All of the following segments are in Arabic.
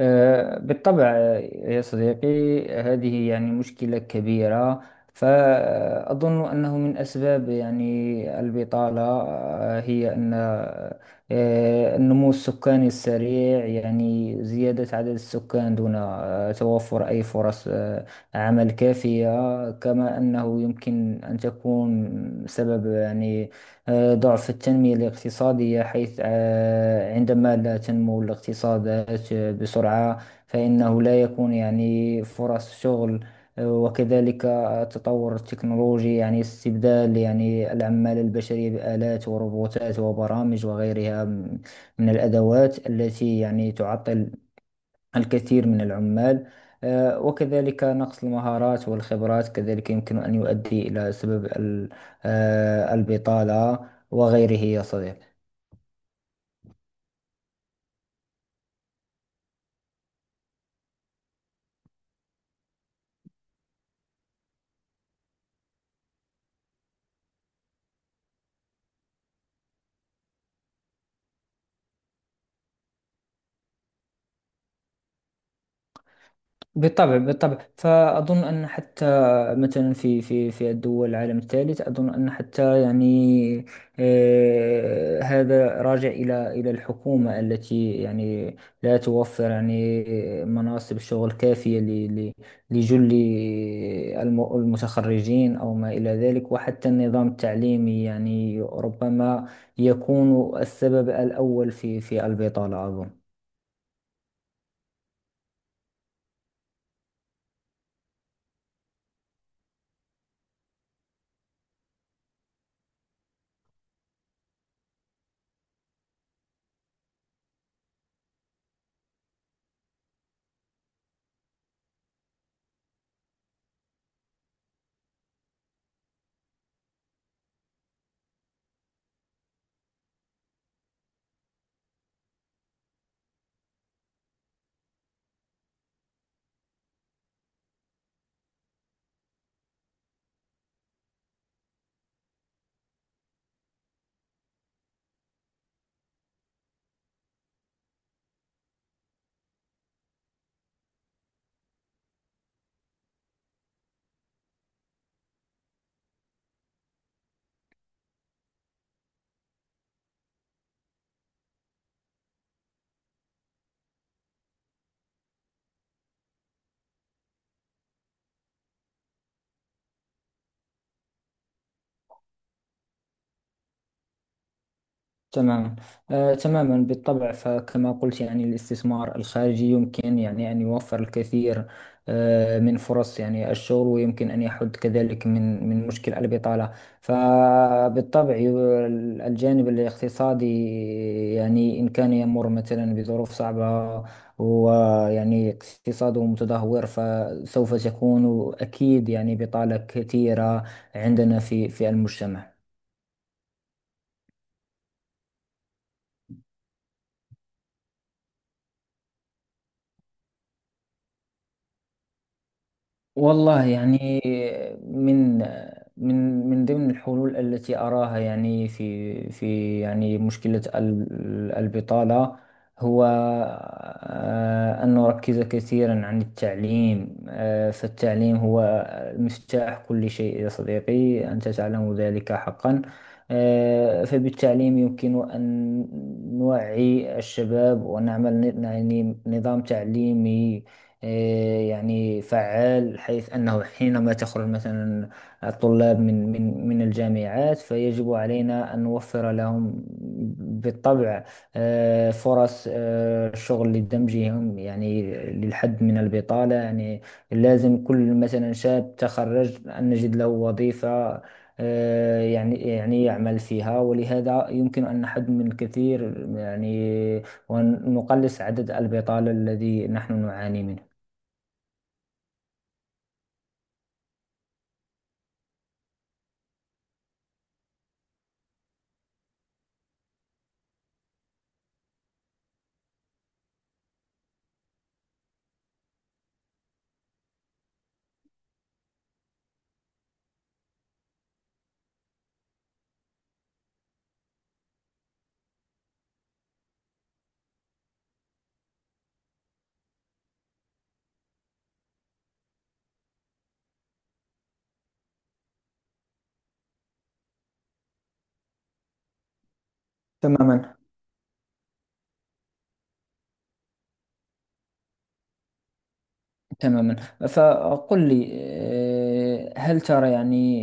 بالطبع يا صديقي، هذه يعني مشكلة كبيرة. فأظن أنه من أسباب يعني البطالة هي أن النمو السكاني السريع، يعني زيادة عدد السكان دون توفر أي فرص عمل كافية. كما أنه يمكن أن تكون سبب يعني ضعف التنمية الاقتصادية، حيث عندما لا تنمو الاقتصادات بسرعة فإنه لا يكون يعني فرص شغل. وكذلك التطور التكنولوجي، يعني استبدال يعني العمالة البشرية بآلات وروبوتات وبرامج وغيرها من الأدوات التي يعني تعطل الكثير من العمال. وكذلك نقص المهارات والخبرات كذلك يمكن أن يؤدي إلى سبب البطالة وغيره يا صديقي. بالطبع بالطبع، فأظن أن حتى مثلا في الدول العالم الثالث، أظن أن حتى يعني هذا راجع إلى الحكومة التي يعني لا توفر يعني مناصب شغل كافية لجل المتخرجين أو ما إلى ذلك. وحتى النظام التعليمي يعني ربما يكون السبب الأول في البطالة أظن. تماما، تماما بالطبع. فكما قلت يعني الاستثمار الخارجي يمكن يعني أن يوفر الكثير من فرص يعني الشغل، ويمكن أن يحد كذلك من مشكل البطالة. فبالطبع ي- الجانب الاقتصادي يعني إن كان يمر مثلا بظروف صعبة ويعني اقتصاده متدهور، فسوف تكون أكيد يعني بطالة كثيرة عندنا في المجتمع. والله يعني من من ضمن الحلول التي أراها يعني في في يعني مشكلة البطالة هو أن نركز كثيرا عن التعليم. فالتعليم هو مفتاح كل شيء يا صديقي، أنت تعلم ذلك حقا. فبالتعليم يمكن أن نوعي الشباب ونعمل يعني نظام تعليمي، إيه، يعني فعال. حيث أنه حينما تخرج مثلا الطلاب من الجامعات، فيجب علينا أن نوفر لهم بالطبع فرص شغل لدمجهم، يعني للحد من البطالة. يعني لازم كل مثلا شاب تخرج أن نجد له وظيفة يعني يعني يعمل فيها، ولهذا يمكن أن نحد من الكثير يعني ونقلص عدد البطالة الذي نحن نعاني منه. تماما تماما. فقل لي، هل ترى يعني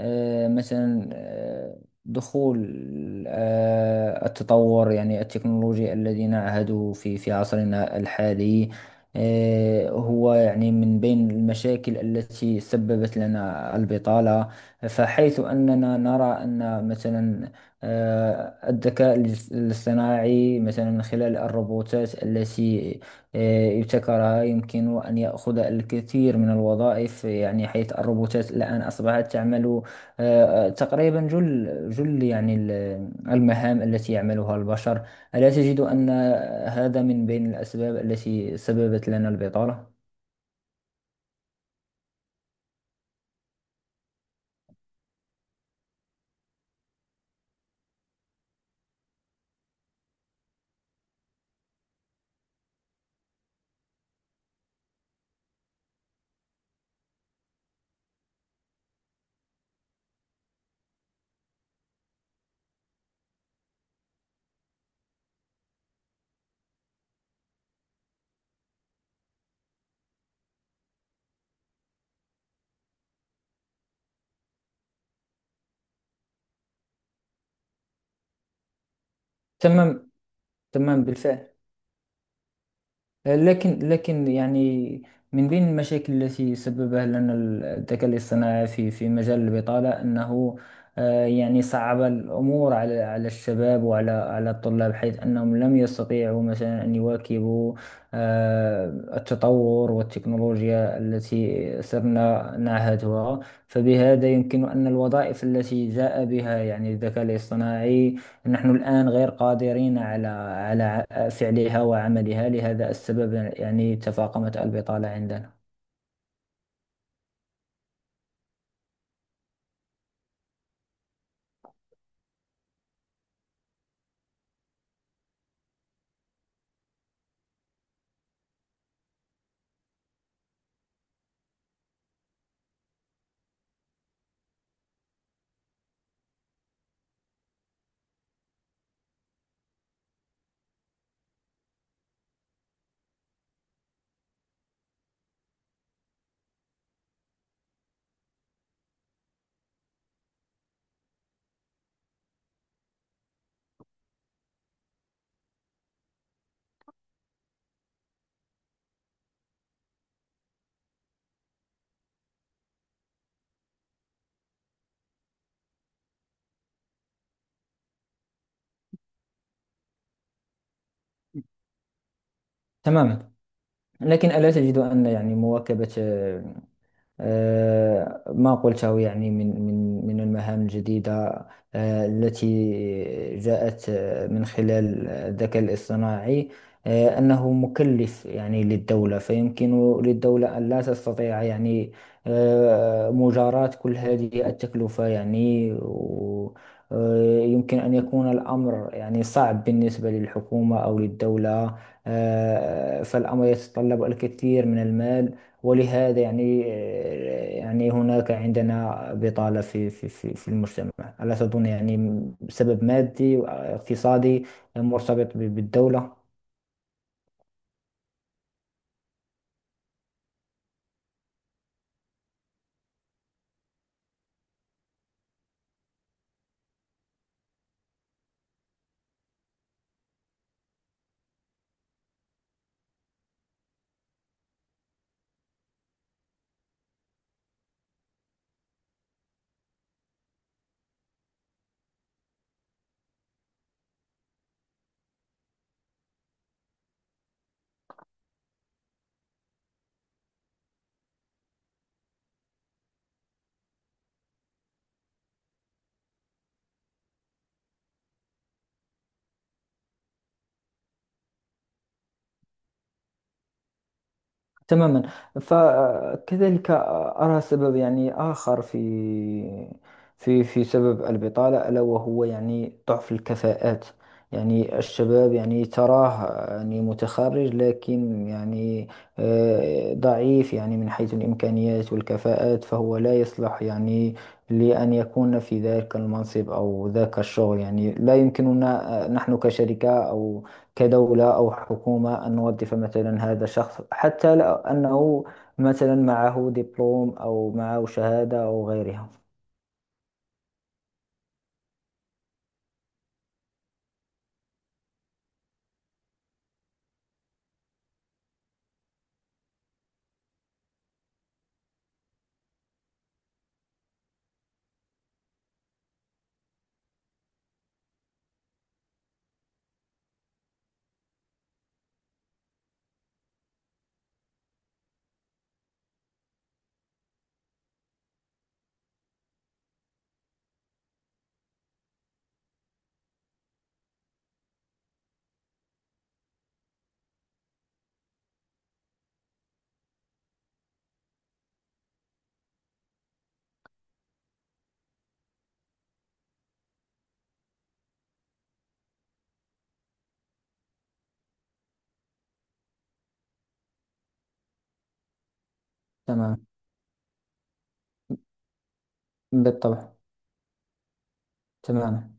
مثلا دخول التطور يعني التكنولوجي الذي نعهده في عصرنا الحالي، هو يعني من بين المشاكل التي سببت لنا البطالة؟ فحيث أننا نرى أن مثلا الذكاء الاصطناعي مثلا خلال الروبوتات التي ابتكرها يمكن أن يأخذ الكثير من الوظائف، يعني حيث الروبوتات الآن أصبحت تعمل تقريبا جل يعني المهام التي يعملها البشر. ألا تجد أن هذا من بين الأسباب التي سببت لنا البطالة؟ تمام، تمام بالفعل. لكن يعني من بين المشاكل التي سببها لنا الذكاء الاصطناعي في في مجال البطالة أنه يعني صعب الأمور على على الشباب وعلى على الطلاب، حيث أنهم لم يستطيعوا مثلا أن يواكبوا آه، التطور والتكنولوجيا التي صرنا نعهدها. فبهذا يمكن أن الوظائف التي جاء بها يعني الذكاء الاصطناعي نحن الآن غير قادرين على فعلها وعملها، لهذا السبب يعني تفاقمت البطالة عندنا. تماما. لكن ألا تجد أن يعني مواكبة ما قلته يعني من من المهام الجديدة التي جاءت من خلال الذكاء الاصطناعي، أنه مكلف يعني للدولة؟ فيمكن للدولة أن لا تستطيع يعني مجاراة كل هذه التكلفة، يعني يمكن أن يكون الأمر يعني صعب بالنسبة للحكومة أو للدولة. فالأمر يتطلب الكثير من المال، ولهذا يعني يعني هناك عندنا بطالة في المجتمع. ألا تظن يعني سبب مادي واقتصادي مرتبط بالدولة؟ تماما. فكذلك أرى سبب يعني آخر في سبب البطالة، ألا وهو يعني ضعف الكفاءات. يعني الشباب يعني تراه يعني متخرج، لكن يعني ضعيف يعني من حيث الإمكانيات والكفاءات، فهو لا يصلح يعني لأن يكون في ذلك المنصب أو ذاك الشغل. يعني لا يمكننا نحن كشركة أو كدولة أو حكومة أن نوظف مثلا هذا الشخص، حتى لو أنه مثلا معه دبلوم أو معه شهادة أو غيرها. تمام بالطبع، تمام.